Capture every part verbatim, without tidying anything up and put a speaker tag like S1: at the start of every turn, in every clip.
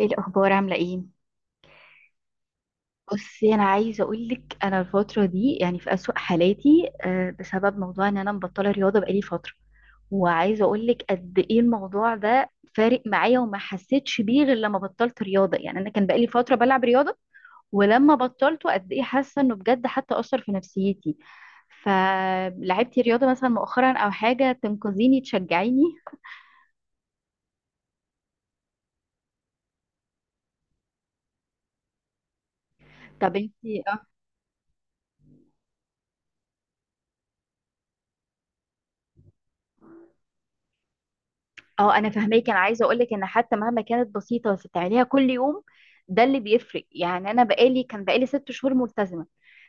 S1: ايه الاخبار؟ عامله ايه؟ بصي، انا عايزه اقول لك انا الفتره دي يعني في اسوأ حالاتي، آه، بسبب موضوع ان انا مبطله رياضه بقالي فتره. وعايزه اقول لك قد ايه الموضوع ده فارق معايا وما حسيتش بيه غير لما بطلت رياضه. يعني انا كان بقالي فتره بلعب رياضه، ولما بطلته قد ايه حاسه انه بجد حتى اثر في نفسيتي. فلعبتي رياضه مثلا مؤخرا او حاجه تنقذيني تشجعيني؟ طب انتي. اه انا فاهماكي، انا عايزه اقولك ان حتى مهما كانت بسيطه بس بتعمليها كل يوم، ده اللي بيفرق. يعني انا بقالي، كان بقالي ست شهور ملتزمه.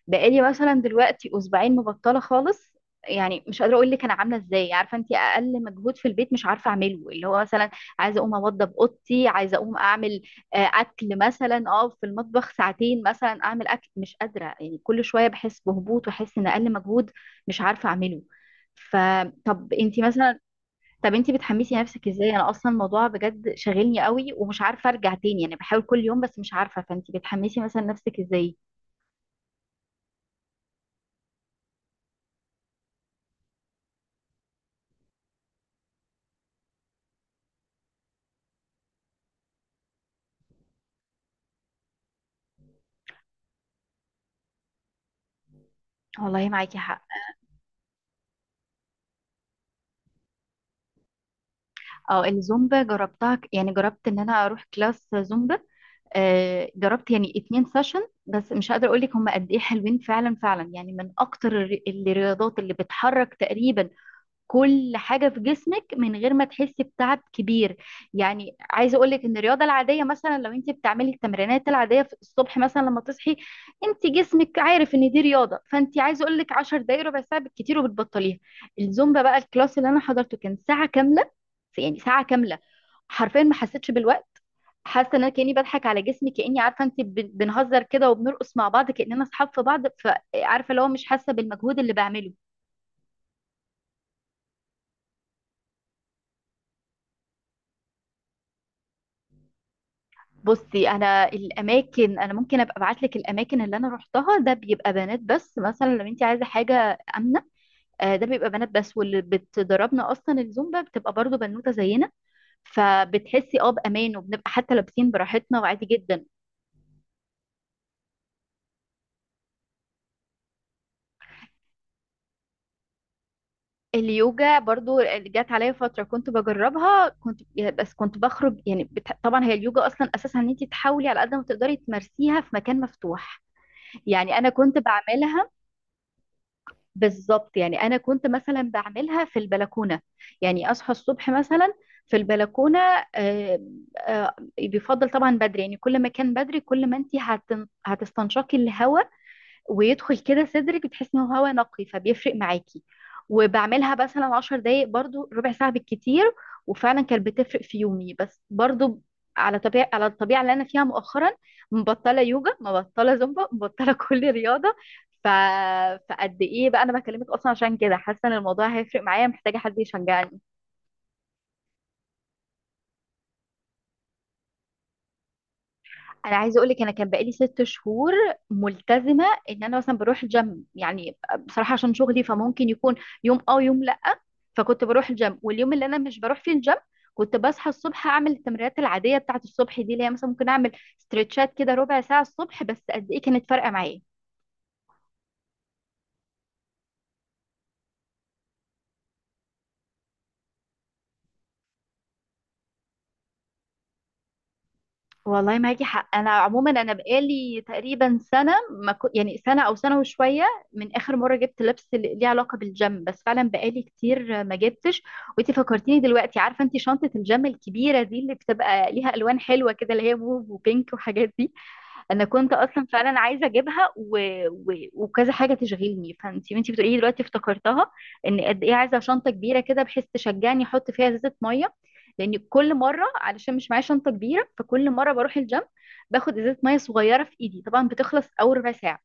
S1: بقالي مثلا دلوقتي اسبوعين مبطله خالص. يعني مش قادره اقول لك انا عامله ازاي، عارفه انت اقل مجهود في البيت مش عارفه اعمله، اللي هو مثلا عايزه اقوم اوضب اوضتي، عايزه اقوم اعمل آه، اكل مثلا، اه في المطبخ ساعتين مثلا اعمل اكل، مش قادره. يعني كل شويه بحس بهبوط، واحس ان اقل مجهود مش عارفه اعمله. فطب انت مثلا، طب انتي بتحمسي نفسك ازاي؟ انا اصلا الموضوع بجد شاغلني قوي ومش عارفه ارجع تاني، يعني بحاول كل يوم بس مش عارفه. فانتي بتحمسي مثلا نفسك ازاي؟ والله معاكي حق. اه الزومبا جربتها، ك- يعني جربت ان انا اروح كلاس زومبا. آه جربت يعني اتنين سيشن، بس مش قادره اقول لك هم قد ايه حلوين فعلا فعلا. يعني من اكتر الر- الرياضات اللي بتحرك تقريبا كل حاجة في جسمك من غير ما تحسي بتعب كبير. يعني عايزة أقولك إن الرياضة العادية، مثلا لو أنت بتعملي التمرينات العادية في الصبح مثلا لما تصحي، أنت جسمك عارف إن دي رياضة، فأنت عايزة أقولك عشر دقايق ربع ساعة بالكتير وبتبطليها. الزومبا بقى الكلاس اللي أنا حضرته كان ساعة كاملة، يعني ساعة كاملة حرفيا ما حسيتش بالوقت. حاسه ان انا كاني بضحك على جسمي، كاني عارفه انت بن- بنهزر كده وبنرقص مع بعض كاننا اصحاب في بعض، فعارفه اللي هو مش حاسه بالمجهود اللي بعمله. بصي انا الاماكن، انا ممكن ابقى ابعت لك الاماكن اللي انا روحتها، ده بيبقى بنات بس، مثلا لو انت عايزه حاجه امنه، آه، ده بيبقى بنات بس، واللي بتدربنا اصلا الزومبا بتبقى برضو بنوته زينا، فبتحسي اه بامان، وبنبقى حتى لابسين براحتنا وعادي جدا. اليوجا برضو جت عليا فتره كنت بجربها، كنت بس كنت بخرج يعني بت... طبعا هي اليوجا اصلا اساسا ان انت تحاولي على قد ما تقدري تمارسيها في مكان مفتوح. يعني انا كنت بعملها. بالظبط، يعني انا كنت مثلا بعملها في البلكونه، يعني اصحى الصبح مثلا في البلكونه. آه، آه، بيفضل طبعا بدري، يعني كل ما كان بدري كل ما انت هتستنشقي الهواء، ويدخل كده صدرك بتحسي انه هوا نقي، فبيفرق معاكي. وبعملها مثلا عشر دقايق، برضو ربع ساعة بالكتير، وفعلا كانت بتفرق في يومي. بس برضو على طبيعة، على الطبيعة اللي أنا فيها مؤخرا، مبطلة يوجا مبطلة زومبا مبطلة كل رياضة. ف... فقد ايه بقى انا بكلمك اصلا عشان كده، حاسه ان الموضوع هيفرق معايا، محتاجه حد يشجعني. انا عايزه اقول لك انا كان بقالي ست شهور ملتزمه ان انا مثلا بروح الجيم، يعني بصراحه عشان شغلي فممكن يكون يوم اه يوم لا. فكنت بروح الجيم، واليوم اللي انا مش بروح فيه الجيم كنت بصحى الصبح اعمل التمرينات العاديه بتاعت الصبح دي، اللي هي مثلا ممكن اعمل ستريتشات كده ربع ساعه الصبح، بس قد ايه كانت فارقه معايا. والله معاكي حق. انا عموما انا بقالي تقريبا سنه، ما كو... يعني سنه او سنه وشويه من اخر مره جبت لبس اللي ليه علاقه بالجيم، بس فعلا بقالي كتير ما جبتش. وانتي فكرتيني دلوقتي، عارفه انتي شنطه الجيم الكبيره دي اللي بتبقى ليها الوان حلوه كده، اللي هي موف وبينك وحاجات دي، انا كنت اصلا فعلا عايزه اجيبها و... و... وكذا حاجه تشغلني، فانت وانت بتقولي لي دلوقتي افتكرتها، ان قد ايه عايزه شنطه كبيره كده بحيث تشجعني احط فيها ازازه ميه. لان كل مره علشان مش معايا شنطه كبيره، فكل مره بروح الجيم باخد ازازه ميه صغيره في ايدي، طبعا بتخلص اول ربع ساعه.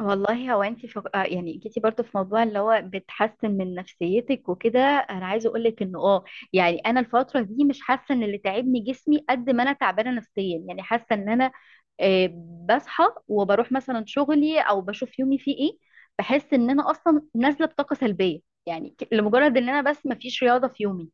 S1: والله هو انت فق... آه يعني جيتي برضو في موضوع اللي هو بتحسن من نفسيتك وكده، انا عايزه اقول لك انه اه يعني انا الفتره دي مش حاسه ان اللي تعبني جسمي قد ما انا تعبانه نفسيا. يعني حاسه ان انا آه، بصحى وبروح مثلا شغلي او بشوف يومي فيه ايه، بحس ان انا اصلا نازله بطاقه سلبيه. يعني ك- لمجرد ان انا بس مفيش رياضه في يومي.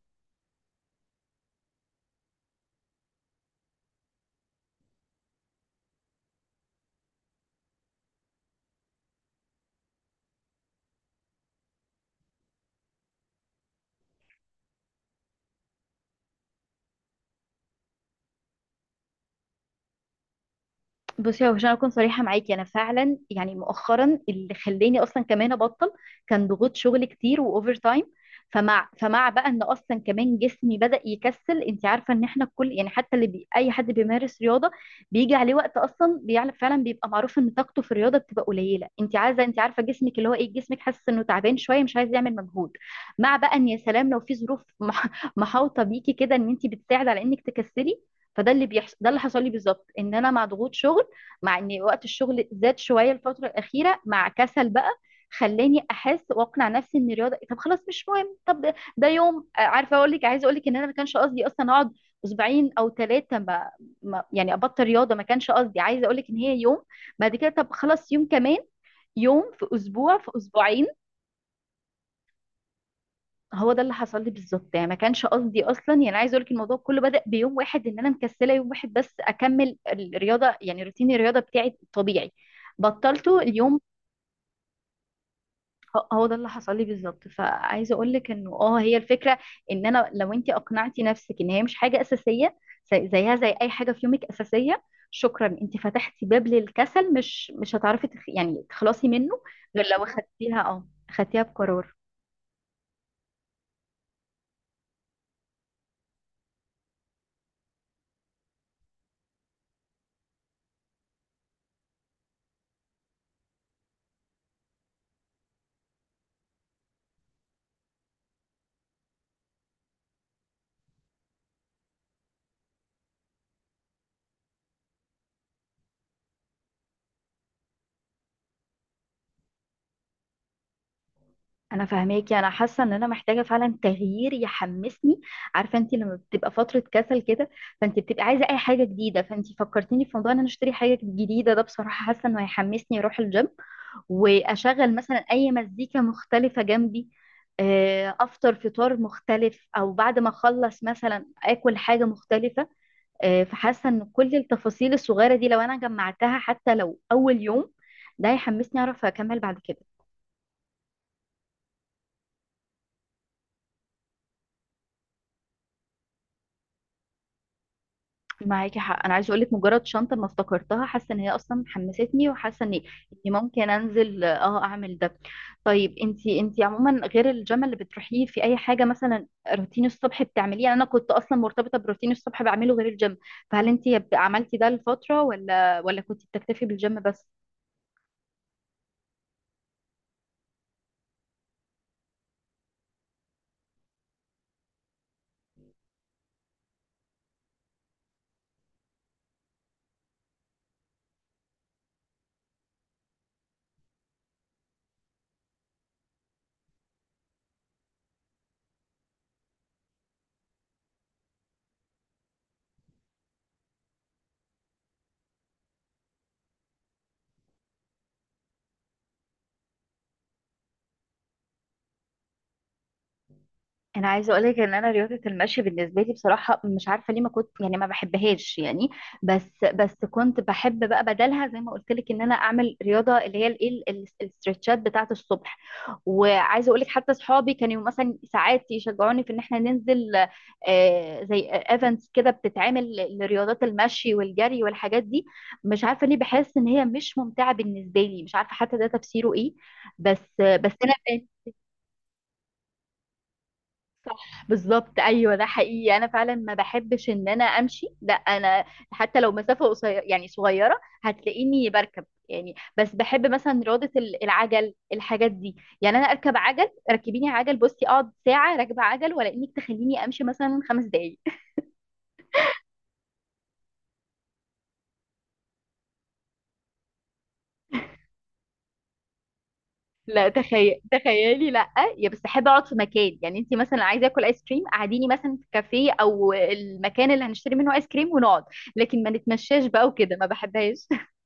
S1: بصي هو عشان اكون صريحه معاكي، انا فعلا يعني مؤخرا اللي خلاني اصلا كمان ابطل كان ضغوط شغل كتير واوفر تايم. فمع فمع بقى ان اصلا كمان جسمي بدأ يكسل. انت عارفه ان احنا كل يعني حتى اللي بي... اي حد بيمارس رياضه بيجي عليه وقت، اصلا بيعرف فعلا، بيبقى معروف ان طاقته في الرياضه بتبقى قليله. انت عايزه، انت عارفه جسمك اللي هو ايه، جسمك حاسس انه تعبان شويه مش عايز يعمل مجهود، مع بقى ان يا سلام لو في ظروف مح... محاوطه بيكي كده ان انت بتساعد على انك تكسلي. فده اللي بيحصل، ده اللي حصل لي بالظبط، ان انا مع ضغوط شغل، مع ان وقت الشغل زاد شويه الفتره الاخيره، مع كسل بقى، خلاني احس واقنع نفسي ان الرياضه إيه، طب خلاص مش مهم، طب ده, ده يوم. آه، عارفه اقول لك، عايزه اقول لك ان انا ما كانش قصدي اصلا اقعد اسبوعين او ثلاثه، ما ما- يعني ابطل رياضه، ما كانش قصدي. عايزه اقول لك ان هي يوم بعد كده طب خلاص يوم كمان، يوم في اسبوع في اسبوعين. هو ده اللي حصل لي بالظبط، يعني ما كانش قصدي اصلا، يعني عايز اقول لك الموضوع كله بدأ بيوم واحد ان انا مكسله يوم واحد بس، اكمل الرياضه يعني روتين الرياضه بتاعي الطبيعي، بطلته اليوم. ه- هو ده اللي حصل لي بالظبط. فعايزه اقول لك انه اه هي الفكره ان انا لو انت اقنعتي نفسك ان هي مش حاجه اساسيه، زي- زيها زي اي حاجه في يومك اساسيه، شكرا انت فتحتي باب للكسل، مش مش هتعرفي تخ... يعني تخلصي منه، غير لو خدتيها اه خدتيها بقرار. انا فاهماكي، انا حاسه ان انا محتاجه فعلا تغيير يحمسني. عارفه انت لما بتبقى فتره كسل كده، فانت بتبقى عايزه اي حاجه جديده. فانت فكرتيني في موضوع ان انا اشتري حاجه جديده، ده بصراحه حاسه انه هيحمسني اروح الجيم، واشغل مثلا اي مزيكا مختلفه جنبي، آه، افطر فطار مختلف، او بعد ما اخلص مثلا اكل حاجه مختلفه. آه، فحاسه ان كل التفاصيل الصغيره دي لو انا جمعتها حتى لو اول يوم، ده هيحمسني اعرف اكمل بعد كده. معاكي حق، انا عايزه اقول لك مجرد شنطه ما افتكرتها، حاسه ان هي اصلا حمستني، وحاسه ان إني ممكن انزل اه اعمل ده. طيب انتي، انتي عموما غير الجيم اللي بتروحيه في اي حاجه مثلا روتين الصبح بتعمليه؟ يعني انا كنت اصلا مرتبطه بروتين الصبح بعمله غير الجيم، فهل انتي عملتي ده لفتره ولا ولا كنتي بتكتفي بالجيم بس؟ انا عايزه اقولك ان انا رياضه المشي بالنسبه لي، بصراحه مش عارفه ليه، ما كنت يعني ما بحبهاش يعني. بس بس كنت بحب بقى بدلها زي ما قلت لك ان انا اعمل رياضه اللي هي الايه ال- ال- الاسترتشات بتاعه الصبح. وعايزه اقولك حتى صحابي كانوا مثلا ساعات يشجعوني في ان احنا ننزل، آه، زي ايفنتس كده بتتعمل ل- لرياضات المشي والجري والحاجات دي، مش عارفه ليه بحس ان هي مش ممتعه بالنسبه لي، مش عارفه حتى ده تفسيره ايه. بس بس انا. صح بالظبط، ايوه ده حقيقي انا فعلا ما بحبش ان انا امشي، لا انا حتى لو مسافه قصيره يعني صغيره هتلاقيني بركب، يعني بس بحب مثلا رياضه ال- العجل الحاجات دي. يعني انا اركب عجل، ركبيني عجل بصي، اقعد ساعه راكبه عجل ولا انك تخليني امشي مثلا خمس دقايق. لا تخيل، تخيلي لا. يا بس احب اقعد في مكان، يعني انت مثلا عايزه اكل ايس كريم قعديني مثلا في كافيه او المكان اللي هنشتري منه ايس كريم ونقعد، لكن ما نتمشاش بقى وكده، ما بحبهاش.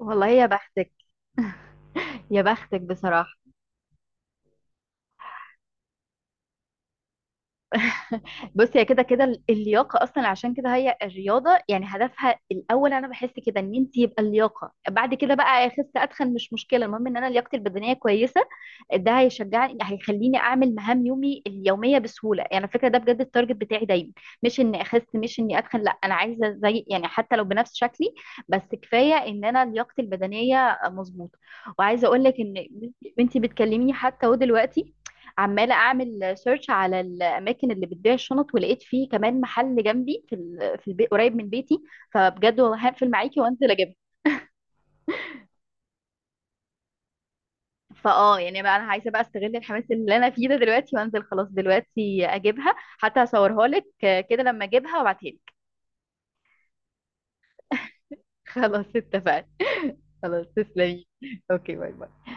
S1: والله يا بختك، يا بختك بصراحة. بصي هي كده كده ال- اللياقة أصلا عشان كده هي الرياضة يعني هدفها الأول. أنا بحس كده إن أنت يبقى اللياقة، بعد كده بقى أخس أتخن مش مشكلة، المهم إن أنا لياقتي البدنية كويسة. ده هيشجعني، هيخليني أعمل مهام يومي اليومية بسهولة. يعني على فكرة ده بجد التارجت بتاعي دايما، مش إني أخس مش إني أتخن، لا أنا عايزة زي يعني حتى لو بنفس شكلي، بس كفاية إن أنا لياقتي البدنية مظبوطة. وعايزة أقول لك إن أنت بتكلميني حتى ودلوقتي عماله اعمل سيرش على الاماكن اللي بتبيع الشنط، ولقيت فيه كمان محل جنبي في ال- في البيت قريب من بيتي. فبجد والله هقفل معاكي وانزل اجيبها. فاه يعني بقى، انا عايزه بقى استغل الحماس اللي انا فيه ده دلوقتي، وانزل خلاص دلوقتي اجيبها، حتى هصورها لك كده لما اجيبها وابعتها لك. خلاص اتفقنا. خلاص تسلمي. اوكي، باي باي.